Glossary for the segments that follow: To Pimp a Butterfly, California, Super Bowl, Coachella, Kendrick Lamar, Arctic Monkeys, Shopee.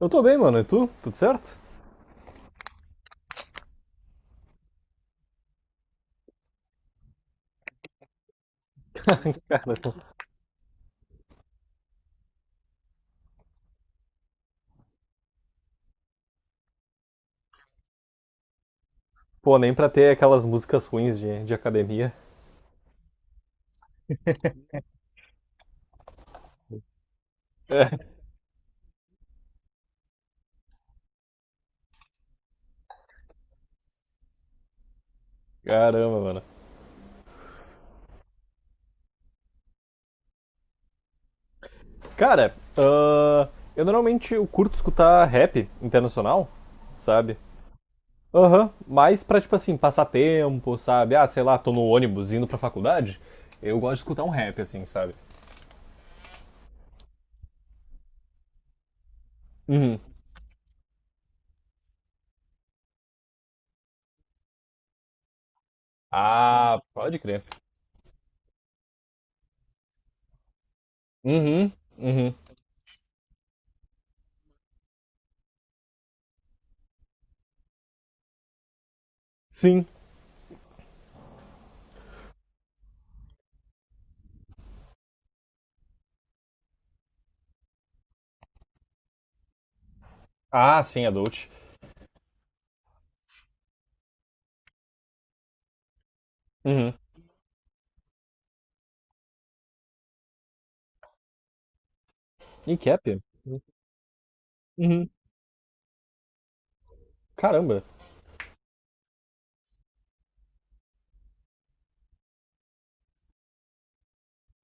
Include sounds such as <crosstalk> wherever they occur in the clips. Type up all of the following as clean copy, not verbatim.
Eu tô bem, mano. E tu? Tudo certo? <laughs> Cara, pô, nem pra ter aquelas músicas ruins de academia. <laughs> É, caramba, mano. Cara, ahn, eu normalmente eu curto escutar rap internacional, sabe? Aham, mas pra, tipo assim, passar tempo, sabe? Ah, sei lá, tô no ônibus indo pra faculdade, eu gosto de escutar um rap, assim, sabe? Uhum. Ah, pode crer. Uhum, uhum. Sim. Ah, sim, adult. Uhum. E cap? Uhum. Caramba.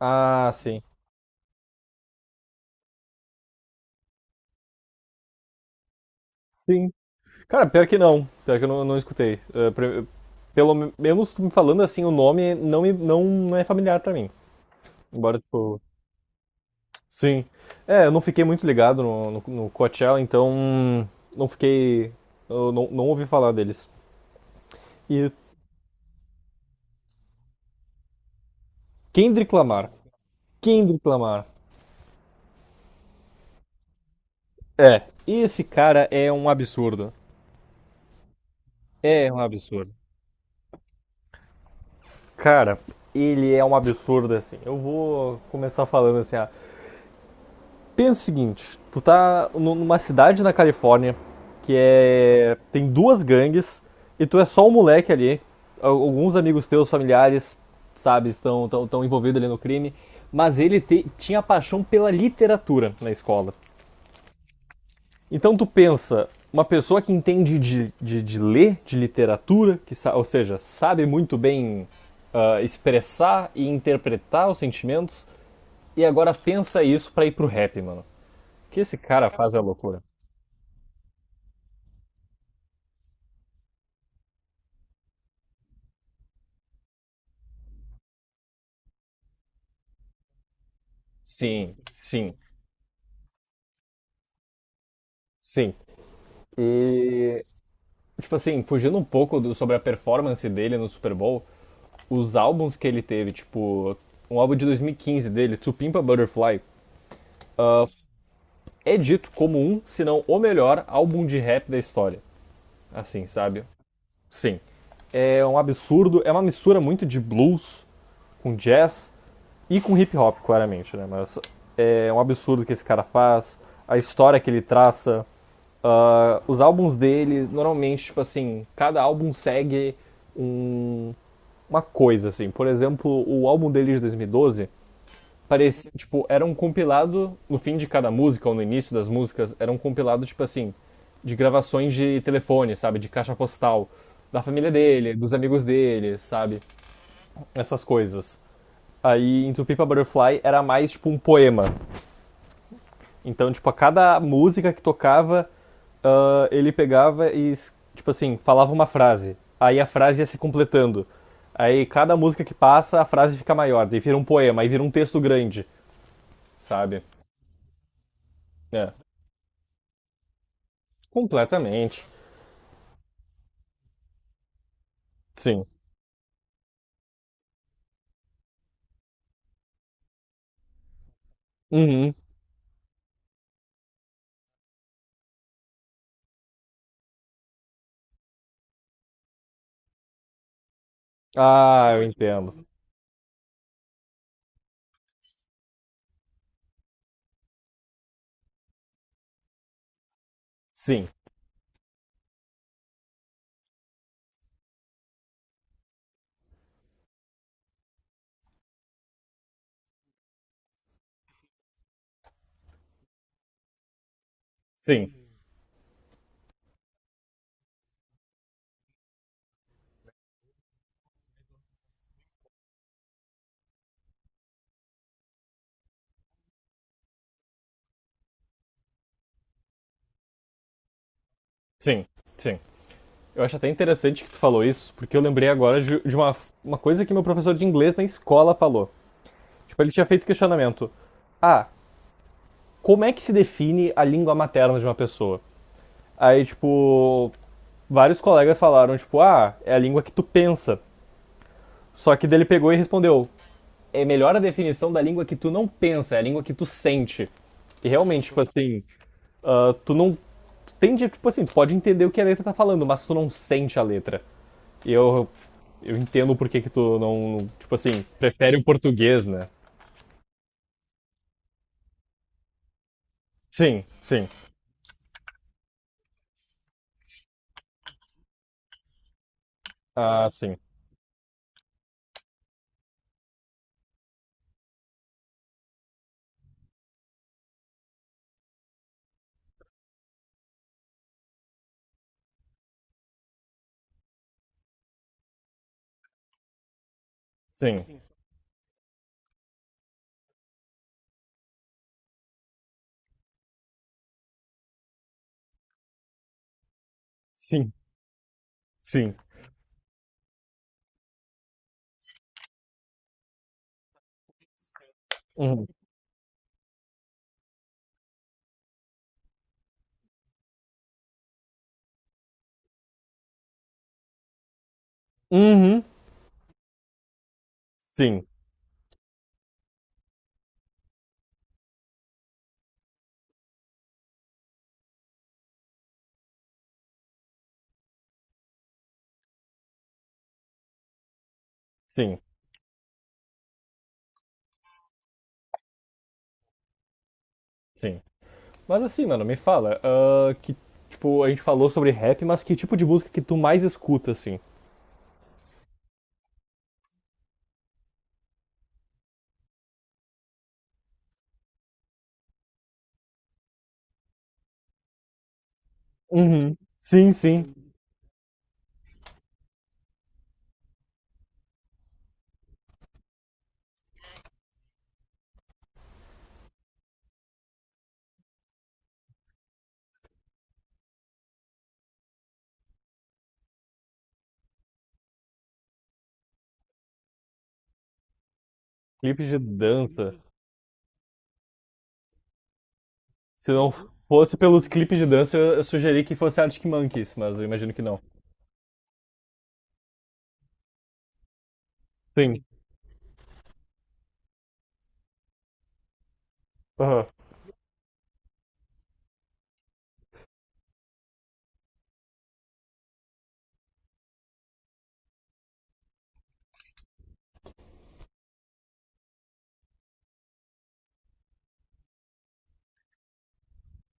Ah, sim. Sim, cara, pior que não. Pior que eu não escutei. Pelo menos tu me falando assim, o nome não, me, não é familiar pra mim. Embora, tipo. Sim. É, eu não fiquei muito ligado no Coachella, então. Não fiquei. Eu não ouvi falar deles. E Kendrick Lamar. Kendrick Lamar. É. Esse cara é um absurdo. É um absurdo. Cara, ele é um absurdo assim. Eu vou começar falando assim, pensa o seguinte, numa cidade na Califórnia que é tem duas gangues e tu é só um moleque ali. Alguns amigos teus, familiares, sabe, estão tão envolvidos ali no crime, mas tinha paixão pela literatura na escola. Então tu pensa, uma pessoa que entende de ler, de literatura, ou seja, sabe muito bem expressar e interpretar os sentimentos, e agora pensa isso pra ir pro rap, mano. O que esse cara faz é loucura. Sim, sim, sim. E, tipo assim, fugindo um pouco do- sobre a performance dele no Super Bowl, os álbuns que ele teve, tipo, um álbum de 2015 dele, Tsupimpa Butterfly, ah, é dito como um, se não o melhor álbum de rap da história. Assim, sabe? Sim. É um absurdo, é uma mistura muito de blues com jazz e com hip hop, claramente, né? Mas é um absurdo que esse cara faz, a história que ele traça. Ah, os álbuns dele, normalmente, tipo assim, cada álbum segue um- uma coisa, assim. Por exemplo, o álbum dele de 2012 parecia, tipo, era um compilado no fim de cada música ou no início das músicas, era um compilado, tipo assim, de gravações de telefone, sabe? De caixa postal. Da família dele, dos amigos dele, sabe? Essas coisas. Aí, em Tupipa Butterfly era mais tipo um poema. Então, tipo, a cada música que tocava, ele pegava e, tipo assim, falava uma frase. Aí a frase ia se completando. Aí cada música que passa, a frase fica maior. Daí vira um poema, aí vira um texto grande, sabe? É. Completamente. Sim. Uhum. Ah, eu entendo. Sim, sim, sim, sim. Eu acho até interessante que tu falou isso, porque eu lembrei agora de uma coisa que meu professor de inglês na escola falou. Tipo, ele tinha feito questionamento. Ah, como é que se define a língua materna de uma pessoa? Aí, tipo, vários colegas falaram, tipo, ah, é a língua que tu pensa. Só que dele pegou e respondeu, é melhor a definição da língua que tu não pensa, é a língua que tu sente. E realmente, tipo assim, ah, tu não. Tu tende, tipo assim, tu pode entender o que a letra tá falando, mas tu não sente a letra. E eu. Eu entendo por que que tu não. Tipo assim, prefere o português, né? Sim, sim. Ah, sim. Sim. Sim, sim. Uhum. Uhum. Sim, sim, sim. Mas assim, mano, me fala, tipo, a gente falou sobre rap, mas que tipo de música que tu mais escuta, assim? Uhum. Sim, sim. Clipe de dança. Se não fosse pelos clipes de dança, eu sugeri que fosse Arctic Monkeys, mas eu imagino que não. Sim. Aham.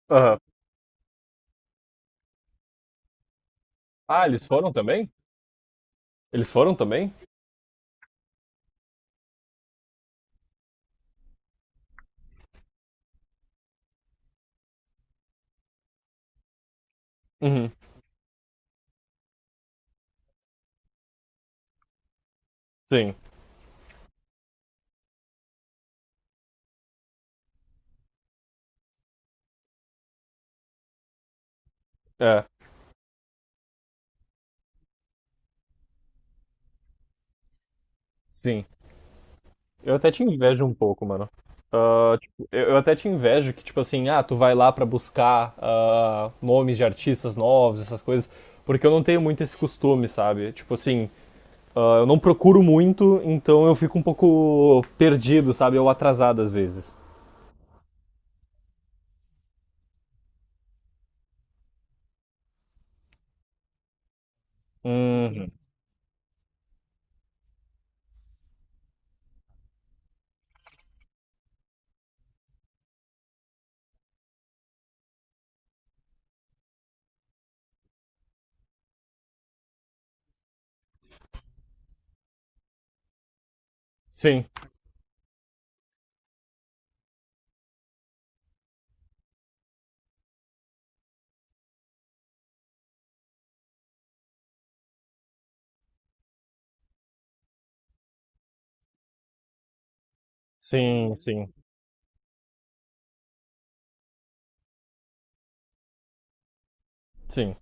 Aham. Ah, eles foram também? Eles foram também? Uhum. Sim. É. Sim. Eu até te invejo um pouco, mano. Ah, tipo, eu até te invejo que, tipo assim, ah, tu vai lá pra buscar ah, nomes de artistas novos, essas coisas, porque eu não tenho muito esse costume, sabe? Tipo assim, ah, eu não procuro muito, então eu fico um pouco perdido, sabe? Ou atrasado às vezes. Uhum. Sim, sim, sim, sim,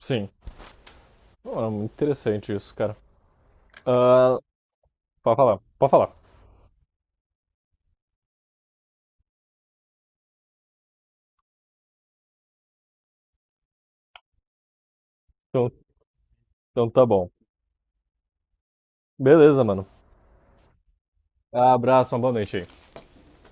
sim. Pô, é muito interessante isso, cara. Ah, pode falar, pode falar. Então, então tá bom. Beleza, mano. Abraço, uma boa noite aí.